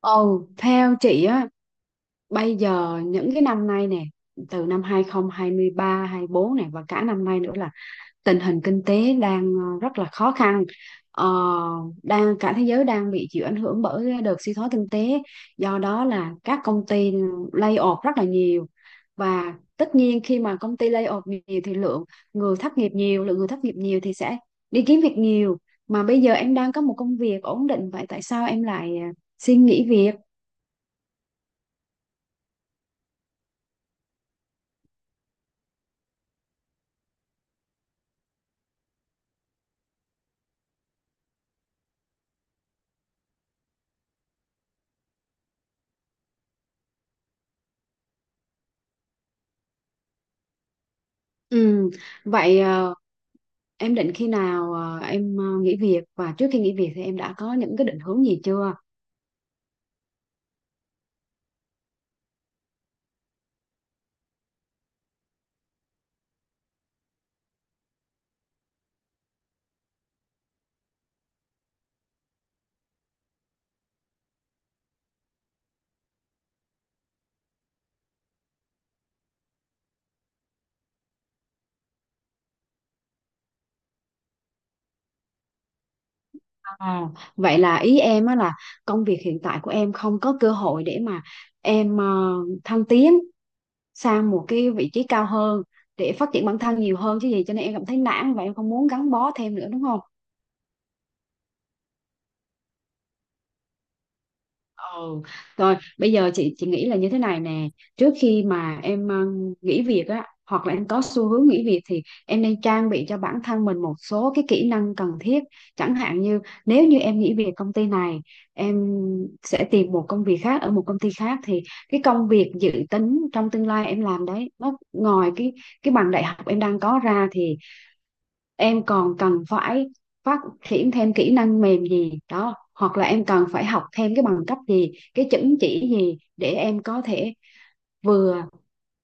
Ừ, theo chị á, bây giờ những cái năm nay nè, từ năm 2023, 24 này và cả năm nay nữa là tình hình kinh tế đang rất là khó khăn. Ờ, đang cả thế giới đang bị chịu ảnh hưởng bởi cái đợt suy thoái kinh tế, do đó là các công ty lay off rất là nhiều. Và tất nhiên khi mà công ty lay off nhiều thì lượng người thất nghiệp nhiều, lượng người thất nghiệp nhiều thì sẽ đi kiếm việc nhiều. Mà bây giờ em đang có một công việc ổn định, vậy tại sao em lại xin nghỉ việc? Ừ, vậy em định khi nào em nghỉ việc, và trước khi nghỉ việc thì em đã có những cái định hướng gì chưa? À, vậy là ý em á là công việc hiện tại của em không có cơ hội để mà em thăng tiến sang một cái vị trí cao hơn để phát triển bản thân nhiều hơn chứ gì, cho nên em cảm thấy nản và em không muốn gắn bó thêm nữa đúng không? Ừ. Rồi bây giờ chị nghĩ là như thế này nè, trước khi mà em nghỉ việc á hoặc là em có xu hướng nghỉ việc thì em nên trang bị cho bản thân mình một số cái kỹ năng cần thiết, chẳng hạn như nếu như em nghỉ việc công ty này, em sẽ tìm một công việc khác ở một công ty khác, thì cái công việc dự tính trong tương lai em làm đấy, nó ngoài cái bằng đại học em đang có ra thì em còn cần phải phát triển thêm kỹ năng mềm gì đó hoặc là em cần phải học thêm cái bằng cấp gì, cái chứng chỉ gì, để em có thể vừa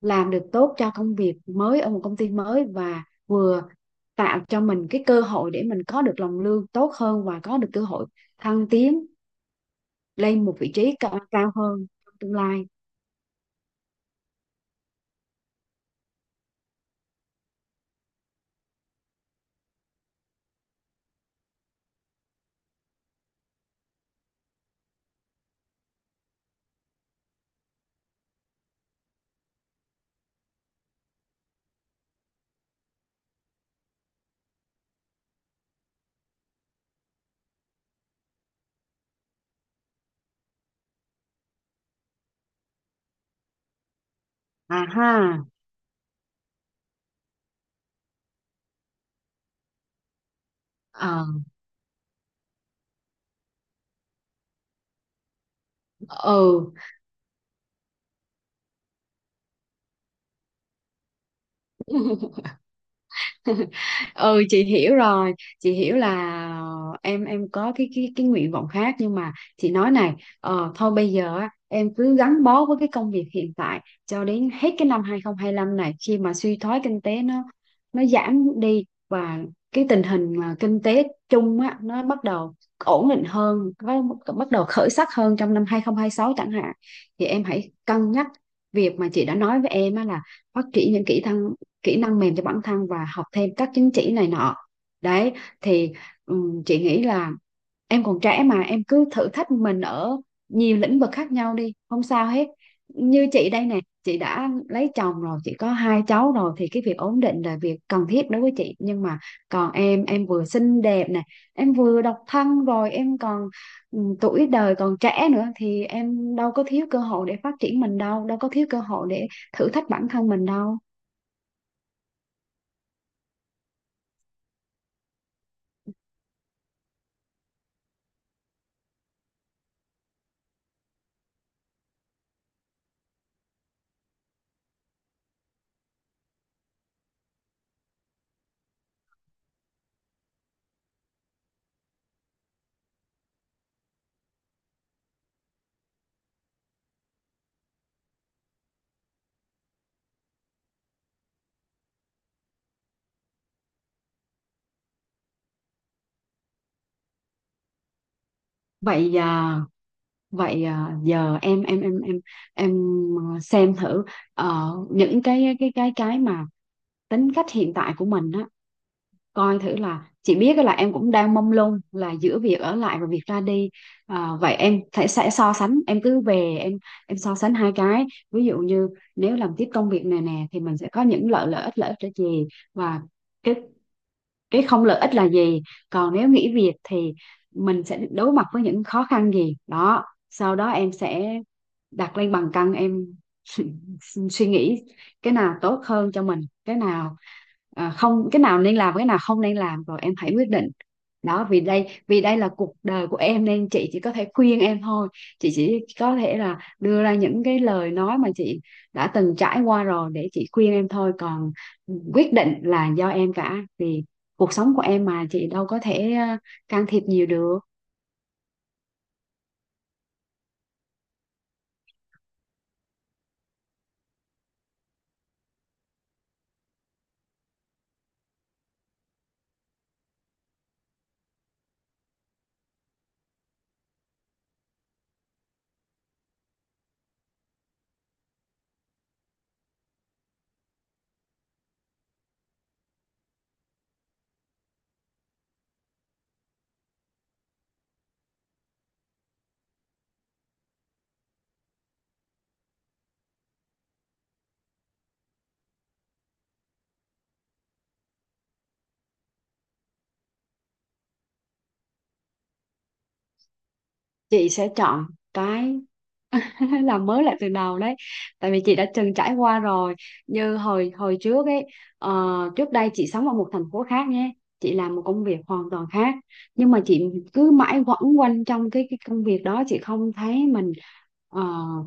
làm được tốt cho công việc mới ở một công ty mới và vừa tạo cho mình cái cơ hội để mình có được lòng lương tốt hơn và có được cơ hội thăng tiến lên một vị trí cao, cao hơn trong tương lai. À ha. Ờ. Ừ. Ừ, chị hiểu rồi. Chị hiểu là em có cái nguyện vọng khác, nhưng mà chị nói này, thôi bây giờ á, em cứ gắn bó với cái công việc hiện tại cho đến hết cái năm 2025 này, khi mà suy thoái kinh tế nó giảm đi và cái tình hình mà kinh tế chung á nó bắt đầu ổn định hơn, có bắt đầu khởi sắc hơn trong năm 2026 chẳng hạn, thì em hãy cân nhắc việc mà chị đã nói với em á, là phát triển những kỹ năng mềm cho bản thân và học thêm các chứng chỉ này nọ. Đấy, thì chị nghĩ là em còn trẻ mà, em cứ thử thách mình ở nhiều lĩnh vực khác nhau đi, không sao hết. Như chị đây nè, chị đã lấy chồng rồi, chị có hai cháu rồi thì cái việc ổn định là việc cần thiết đối với chị, nhưng mà còn em vừa xinh đẹp nè, em vừa độc thân, rồi em còn, ừ, tuổi đời còn trẻ nữa, thì em đâu có thiếu cơ hội để phát triển mình đâu, đâu có thiếu cơ hội để thử thách bản thân mình đâu. Vậy à? Vậy à? Giờ em em xem thử những cái mà tính cách hiện tại của mình á, coi thử. Là chị biết là em cũng đang mông lung là giữa việc ở lại và việc ra đi. Vậy em sẽ so sánh, em cứ về em so sánh hai cái. Ví dụ như nếu làm tiếp công việc này nè thì mình sẽ có những lợi lợi ích là gì, và cái cái không lợi ích là gì, còn nếu nghỉ việc thì mình sẽ đối mặt với những khó khăn gì đó. Sau đó em sẽ đặt lên bàn cân, em suy nghĩ cái nào tốt hơn cho mình, cái nào, à không, cái nào nên làm, cái nào không nên làm, rồi em hãy quyết định. Đó, vì đây là cuộc đời của em nên chị chỉ có thể khuyên em thôi, chị chỉ có thể là đưa ra những cái lời nói mà chị đã từng trải qua rồi để chị khuyên em thôi, còn quyết định là do em cả, vì cuộc sống của em mà, chị đâu có thể can thiệp nhiều được. Chị sẽ chọn cái làm mới lại từ đầu đấy, tại vì chị đã từng trải qua rồi. Như hồi hồi trước ấy, ờ, trước đây chị sống ở một thành phố khác nhé, chị làm một công việc hoàn toàn khác, nhưng mà chị cứ mãi quẩn quanh trong cái công việc đó, chị không thấy mình ờ,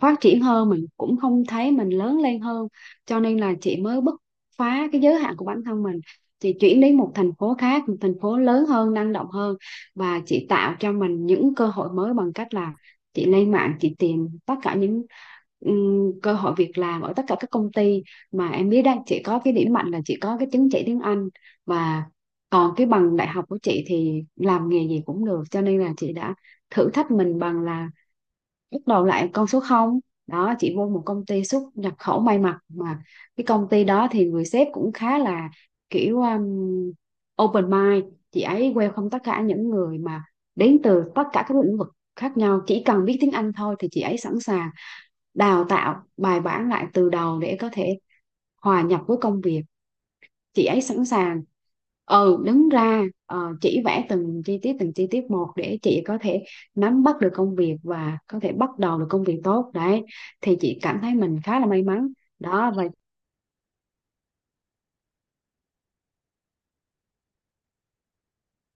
phát triển hơn, mình cũng không thấy mình lớn lên hơn, cho nên là chị mới bứt phá cái giới hạn của bản thân mình. Chị chuyển đến một thành phố khác, một thành phố lớn hơn, năng động hơn, và chị tạo cho mình những cơ hội mới bằng cách là chị lên mạng, chị tìm tất cả những cơ hội việc làm ở tất cả các công ty. Mà em biết đấy, chị có cái điểm mạnh là chị có cái chứng chỉ tiếng Anh, và còn cái bằng đại học của chị thì làm nghề gì cũng được, cho nên là chị đã thử thách mình bằng là bắt đầu lại con số không. Đó, chị vô một công ty xuất nhập khẩu may mặc, mà cái công ty đó thì người sếp cũng khá là kiểu open mind, chị ấy welcome tất cả những người mà đến từ tất cả các lĩnh vực khác nhau, chỉ cần biết tiếng Anh thôi thì chị ấy sẵn sàng đào tạo bài bản lại từ đầu để có thể hòa nhập với công việc. Chị ấy sẵn sàng, ừ, đứng ra chỉ vẽ từng chi tiết, từng chi tiết một để chị có thể nắm bắt được công việc và có thể bắt đầu được công việc tốt đấy, thì chị cảm thấy mình khá là may mắn. Đó, và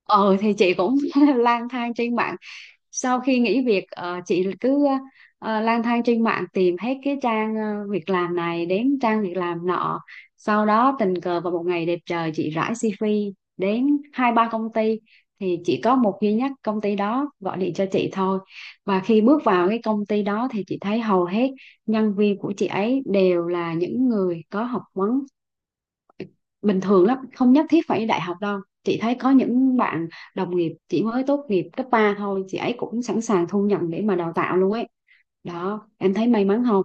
ờ thì chị cũng lang thang trên mạng. Sau khi nghỉ việc, chị cứ lang thang trên mạng, tìm hết cái trang việc làm này đến trang việc làm nọ, sau đó tình cờ vào một ngày đẹp trời, chị rải CV đến hai ba công ty, thì chỉ có một duy nhất công ty đó gọi điện cho chị thôi. Và khi bước vào cái công ty đó thì chị thấy hầu hết nhân viên của chị ấy đều là những người có học vấn bình thường lắm, không nhất thiết phải đại học đâu, chị thấy có những bạn đồng nghiệp chỉ mới tốt nghiệp cấp 3 thôi, chị ấy cũng sẵn sàng thu nhận để mà đào tạo luôn ấy. Đó, em thấy may mắn không?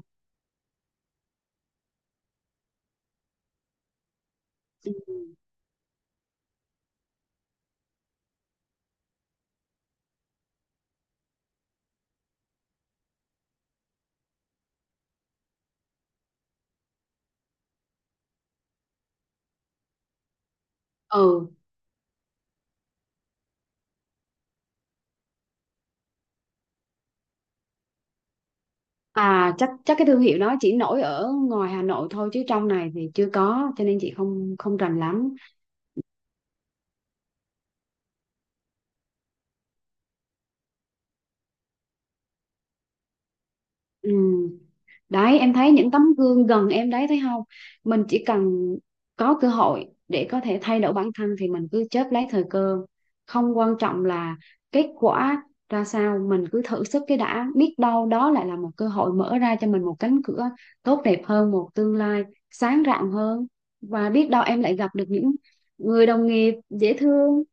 Ừ. À, chắc chắc cái thương hiệu đó chỉ nổi ở ngoài Hà Nội thôi, chứ trong này thì chưa có, cho nên chị không không rành lắm. Ừ. Đấy, em thấy những tấm gương gần em đấy, thấy không? Mình chỉ cần có cơ hội để có thể thay đổi bản thân thì mình cứ chớp lấy thời cơ, không quan trọng là kết quả ra sao, mình cứ thử sức cái đã, biết đâu đó lại là một cơ hội mở ra cho mình một cánh cửa tốt đẹp hơn, một tương lai sáng rạng hơn, và biết đâu em lại gặp được những người đồng nghiệp dễ thương.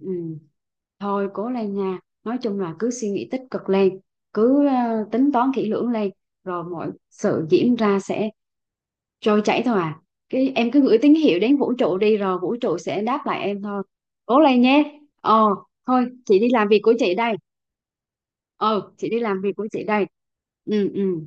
Ừ. Thôi cố lên nha. Nói chung là cứ suy nghĩ tích cực lên, cứ tính toán kỹ lưỡng lên, rồi mọi sự diễn ra sẽ trôi chảy thôi à. Cái em cứ gửi tín hiệu đến vũ trụ đi, rồi vũ trụ sẽ đáp lại em thôi. Cố lên nhé. Ờ, thôi chị đi làm việc của chị đây. Ờ, chị đi làm việc của chị đây. Ừ, ừ.